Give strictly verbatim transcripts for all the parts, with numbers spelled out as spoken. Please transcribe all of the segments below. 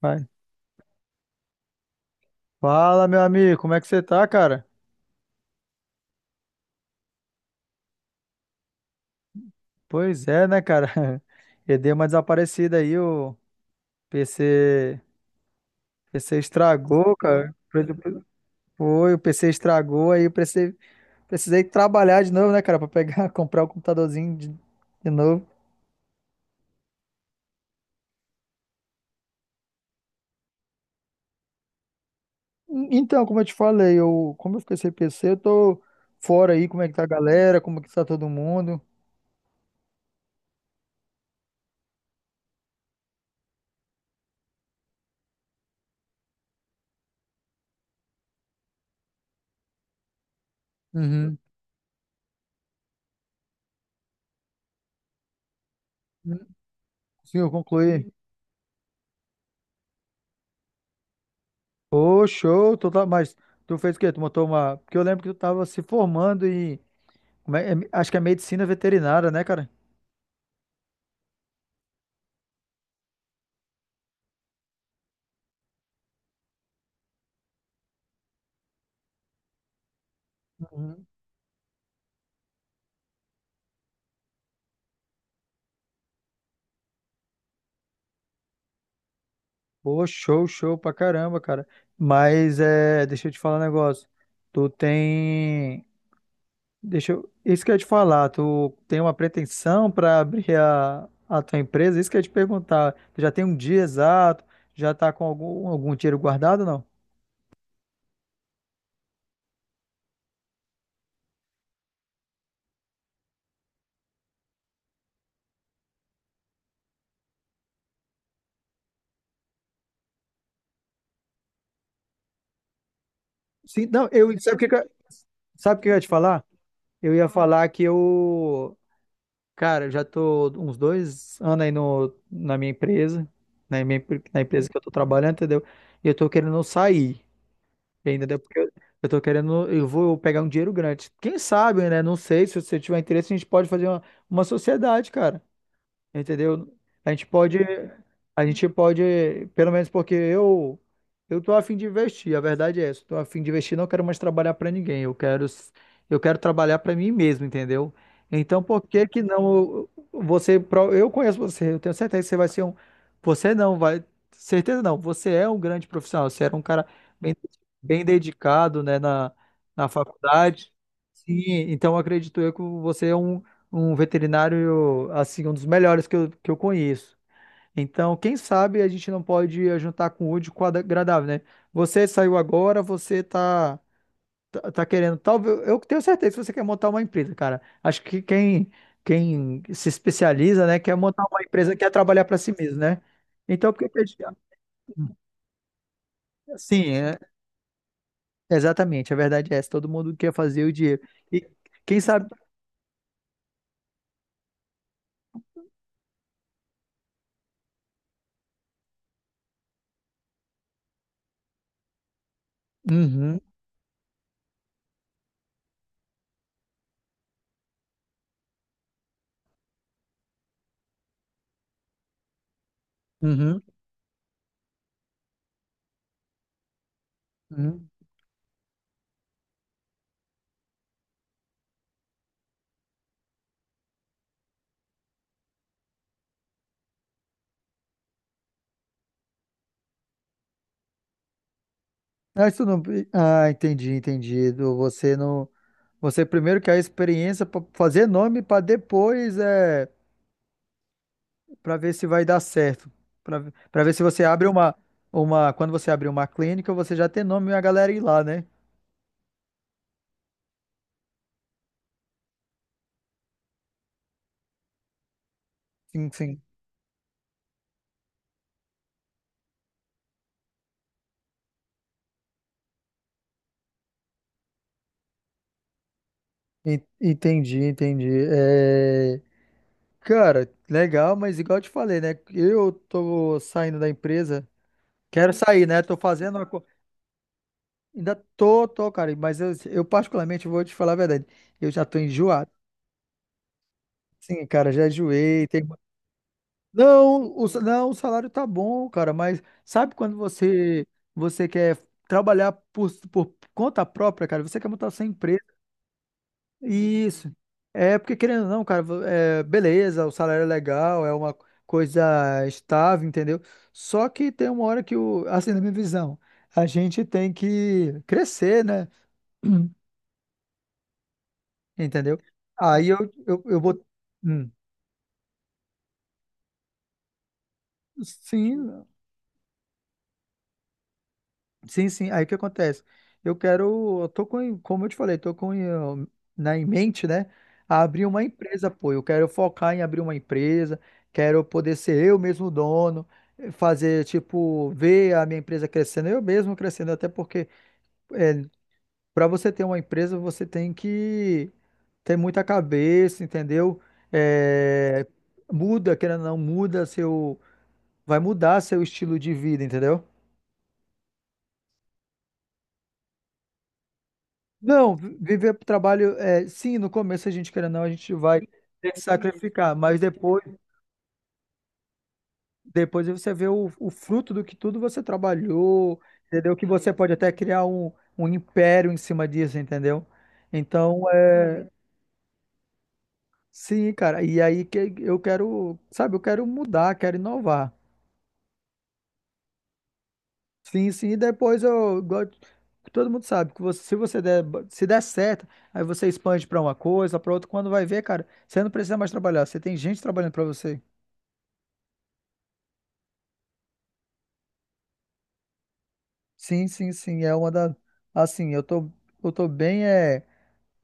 Vai. Fala, meu amigo, como é que você tá, cara? Pois é, né, cara? Eu dei uma desaparecida aí, o P C, P C estragou, cara. Foi, o P C estragou aí, eu precisei, precisei trabalhar de novo, né, cara, pra pegar, comprar o computadorzinho de, de novo. Então, como eu te falei, eu, como eu fiquei sem P C, eu tô fora aí, como é que tá a galera, como é que tá todo mundo? Uhum. Sim, eu concluí. Ô, show, tu tá, mas tu fez o quê? Tu montou uma. Porque eu lembro que tu tava se formando em. como é- é- acho que é medicina veterinária, né, cara? Uhum. Pô, show, show pra caramba, cara. Mas é, deixa eu te falar um negócio. Tu tem. Deixa eu. Isso que eu ia te falar, tu tem uma pretensão pra abrir a, a tua empresa? Isso que eu ia te perguntar. Tu já tem um dia exato? Já tá com algum, algum dinheiro guardado, ou não? Sim, não, eu. Sabe o que que eu- Sabe o que eu ia te falar? Eu ia falar que eu. Cara, eu já tô uns dois anos aí no, na minha empresa, na minha empre- na empresa que eu tô trabalhando, entendeu? E eu tô querendo sair, entendeu? Porque eu, eu tô querendo, eu vou pegar um dinheiro grande. Quem sabe, né? Não sei, se você tiver interesse, a gente pode fazer uma, uma sociedade, cara. Entendeu? A gente pode, a gente pode, pelo menos porque eu, eu tô a fim de investir, a verdade é essa. Eu tô a fim de investir, não quero mais trabalhar para ninguém. Eu quero, s- eu quero trabalhar para mim mesmo, entendeu? Então, por que que não você, pro- eu conheço você, eu tenho certeza que você vai ser um, você não vai, certeza não, você é um grande profissional, você era um cara bem, bem dedicado, né, na, na faculdade. Sim, então acredito eu que você é um um veterinário, assim, um dos melhores que eu, que eu conheço. Então, quem sabe a gente não pode juntar com o útil com o agradável, né? Você saiu agora, você tá, tá, tá querendo, talvez, eu tenho certeza que você quer montar uma empresa, cara. Acho que quem, quem se especializa, né, quer montar uma empresa, quer trabalhar para si mesmo, né? Então, por que que a gente... Sim, é, exatamente, a verdade é essa, todo mundo quer fazer o dinheiro. E quem sabe... Uhum, uhum, uhum. Não, isso não. Ah, entendi, entendi. Do- Você não. Você primeiro quer a experiência para fazer nome para depois é para ver se vai dar certo. Para para ver se você abre uma uma quando você abrir uma clínica, você já tem nome e a galera ir lá, né? Sim, sim. En- Entendi, entendi. É, cara, legal, mas igual eu te falei, né? Eu tô saindo da empresa, quero sair, né? Tô fazendo uma co- ainda tô, tô, cara, mas eu, eu particularmente vou te falar a verdade. Eu já tô enjoado. Sim, cara, já enjoei. Tem... Não, o, sa- não, o salário tá bom, cara, mas sabe quando você você quer trabalhar por, por conta própria, cara? Você quer montar sua empresa. Isso. É porque, querendo ou não, cara, vo- é, beleza, o salário é legal, é uma coisa estável, entendeu? Só que tem uma hora que, o, assim, na minha visão, a gente tem que crescer, né? Entendeu? Aí eu, eu, eu vou. Hum. Sim, sim, sim. Aí o que acontece? Eu quero, eu tô com, como eu te falei, tô com eh, na em mente, né? Abrir uma empresa, pô. Eu quero focar em abrir uma empresa, quero poder ser eu mesmo dono, eh, fazer tipo ver a minha empresa crescendo, eu mesmo crescendo, até porque é, para você ter uma empresa, você tem que ter muita cabeça, entendeu? Eh, muda, querendo ou não, muda seu, vai mudar seu estilo de vida, entendeu? Não, vi- viver pro trabalho, é, sim, no começo a gente, querendo ou não, a gente vai ter que sacrificar, mas depois, depois você vê o, o fruto do que tudo você trabalhou, entendeu? Que você pode até criar um, um império em cima disso, entendeu? Então, é, sim, cara, e aí que eu quero, sabe, eu quero mudar, quero inovar. Sim, sim, e depois eu gosto, todo mundo sabe que você- se você der, se der certo, aí você expande para uma coisa, para outra, quando vai ver, cara, você não precisa mais trabalhar, você tem gente trabalhando para você. Sim, sim, sim, é uma da assim, eu tô eu tô bem é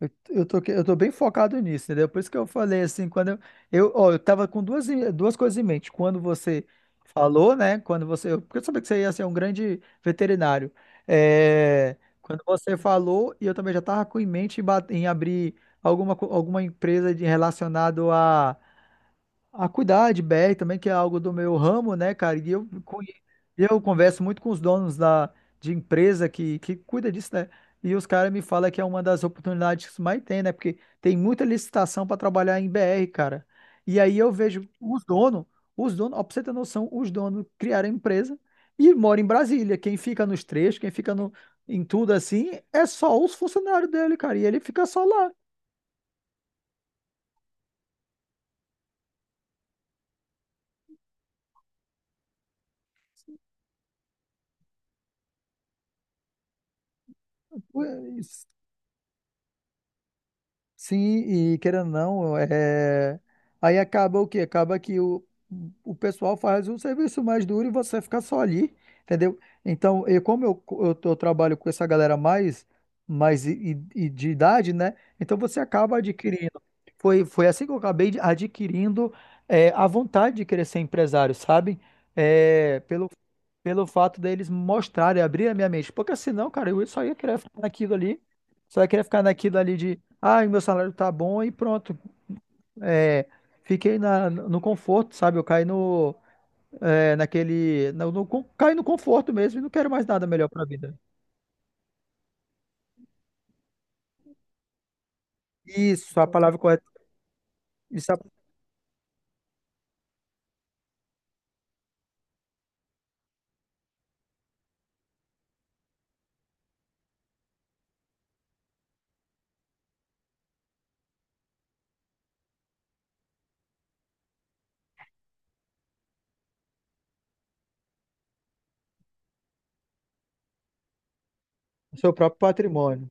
eu, eu tô que- eu tô bem focado nisso, entendeu? Por isso que eu falei assim, quando eu eu, ó, eu tava com duas em- duas coisas em mente. Quando você falou, né? Quando você, eu- porque eu sabia que você ia ser um grande veterinário. É, quando você falou, e eu também já tava com em mente em, ba- em abrir alguma co- alguma empresa de relacionado a a cuidar de B R também, que é algo do meu ramo, né, cara? E eu, conhe- eu converso muito com os donos da, de empresa que, que cuida disso, né? E os caras me falam que é uma das oportunidades que mais tem, né? Porque tem muita licitação para trabalhar em B R, cara. E aí eu vejo os donos, os donos, ó, pra você ter noção, os donos criaram a empresa e moram em Brasília. Quem fica nos trechos, quem fica no, em tudo assim, é só os funcionários dele, cara. E ele fica só lá. Sim, e querendo ou não, é... aí acaba o quê? Acaba que o, o pessoal faz um serviço mais duro e você fica só ali, entendeu? Então, eu, como eu, eu, tô- eu trabalho com essa galera mais, mais e, e- e de idade, né? Então você acaba adquirindo. Foi, foi assim que eu acabei de- adquirindo é, a vontade de querer ser empresário, sabe? É, pelo, pelo fato deles mostrarem, abrir a minha mente. Porque senão, cara, eu só ia querer ficar naquilo ali. Você vai querer ficar naquilo ali de, ah, meu salário tá bom e pronto. É, fiquei na, no conforto, sabe? Eu caí no, é, naquele, no, no, con- caí no conforto mesmo e não quero mais nada melhor pra vida. Isso, a palavra correta, isso é o seu próprio patrimônio.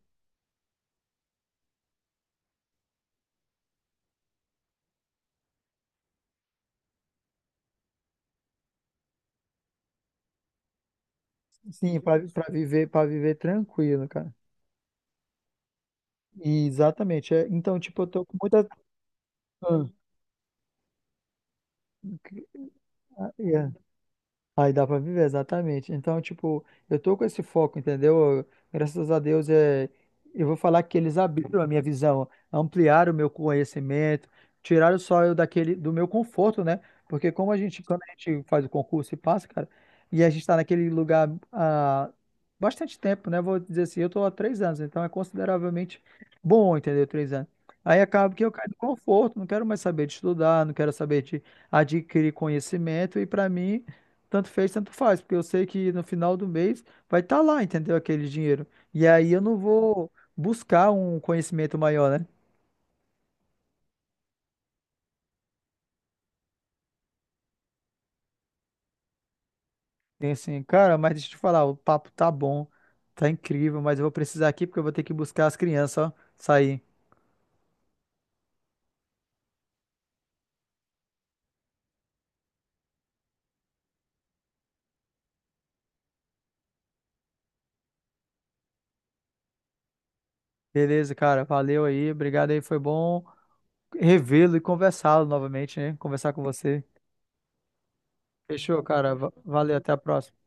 Sim, pra pra viver, para viver tranquilo, cara. Exatamente. é, então, tipo, eu tô com muita. Ah, aí dá pra viver, exatamente. Então, tipo, eu tô com esse foco, entendeu? Eu- Graças a Deus, é... eu vou falar que eles abriram a minha visão, ampliaram o meu conhecimento, tiraram só eu daquele, do meu conforto, né? Porque como a gente, quando a gente faz o concurso e passa, cara, e a gente tá naquele lugar há bastante tempo, né? Vou dizer assim, eu tô há três anos, então é consideravelmente bom, entendeu? Três anos. Aí acaba que eu caio no conforto, não quero mais saber de estudar, não quero saber de adquirir conhecimento, e pra mim. Tanto fez, tanto faz, porque eu sei que no final do mês vai estar lá, entendeu? Aquele dinheiro. E aí eu não vou buscar um conhecimento maior, né? Tem assim, cara, mas deixa eu te falar, o papo tá bom, tá incrível, mas eu vou precisar aqui porque eu vou ter que buscar as crianças, ó, sair. Beleza, cara, valeu aí, obrigado aí, foi bom revê-lo e conversá-lo novamente, né? Conversar com você. Fechou, cara, va- valeu, até a próxima.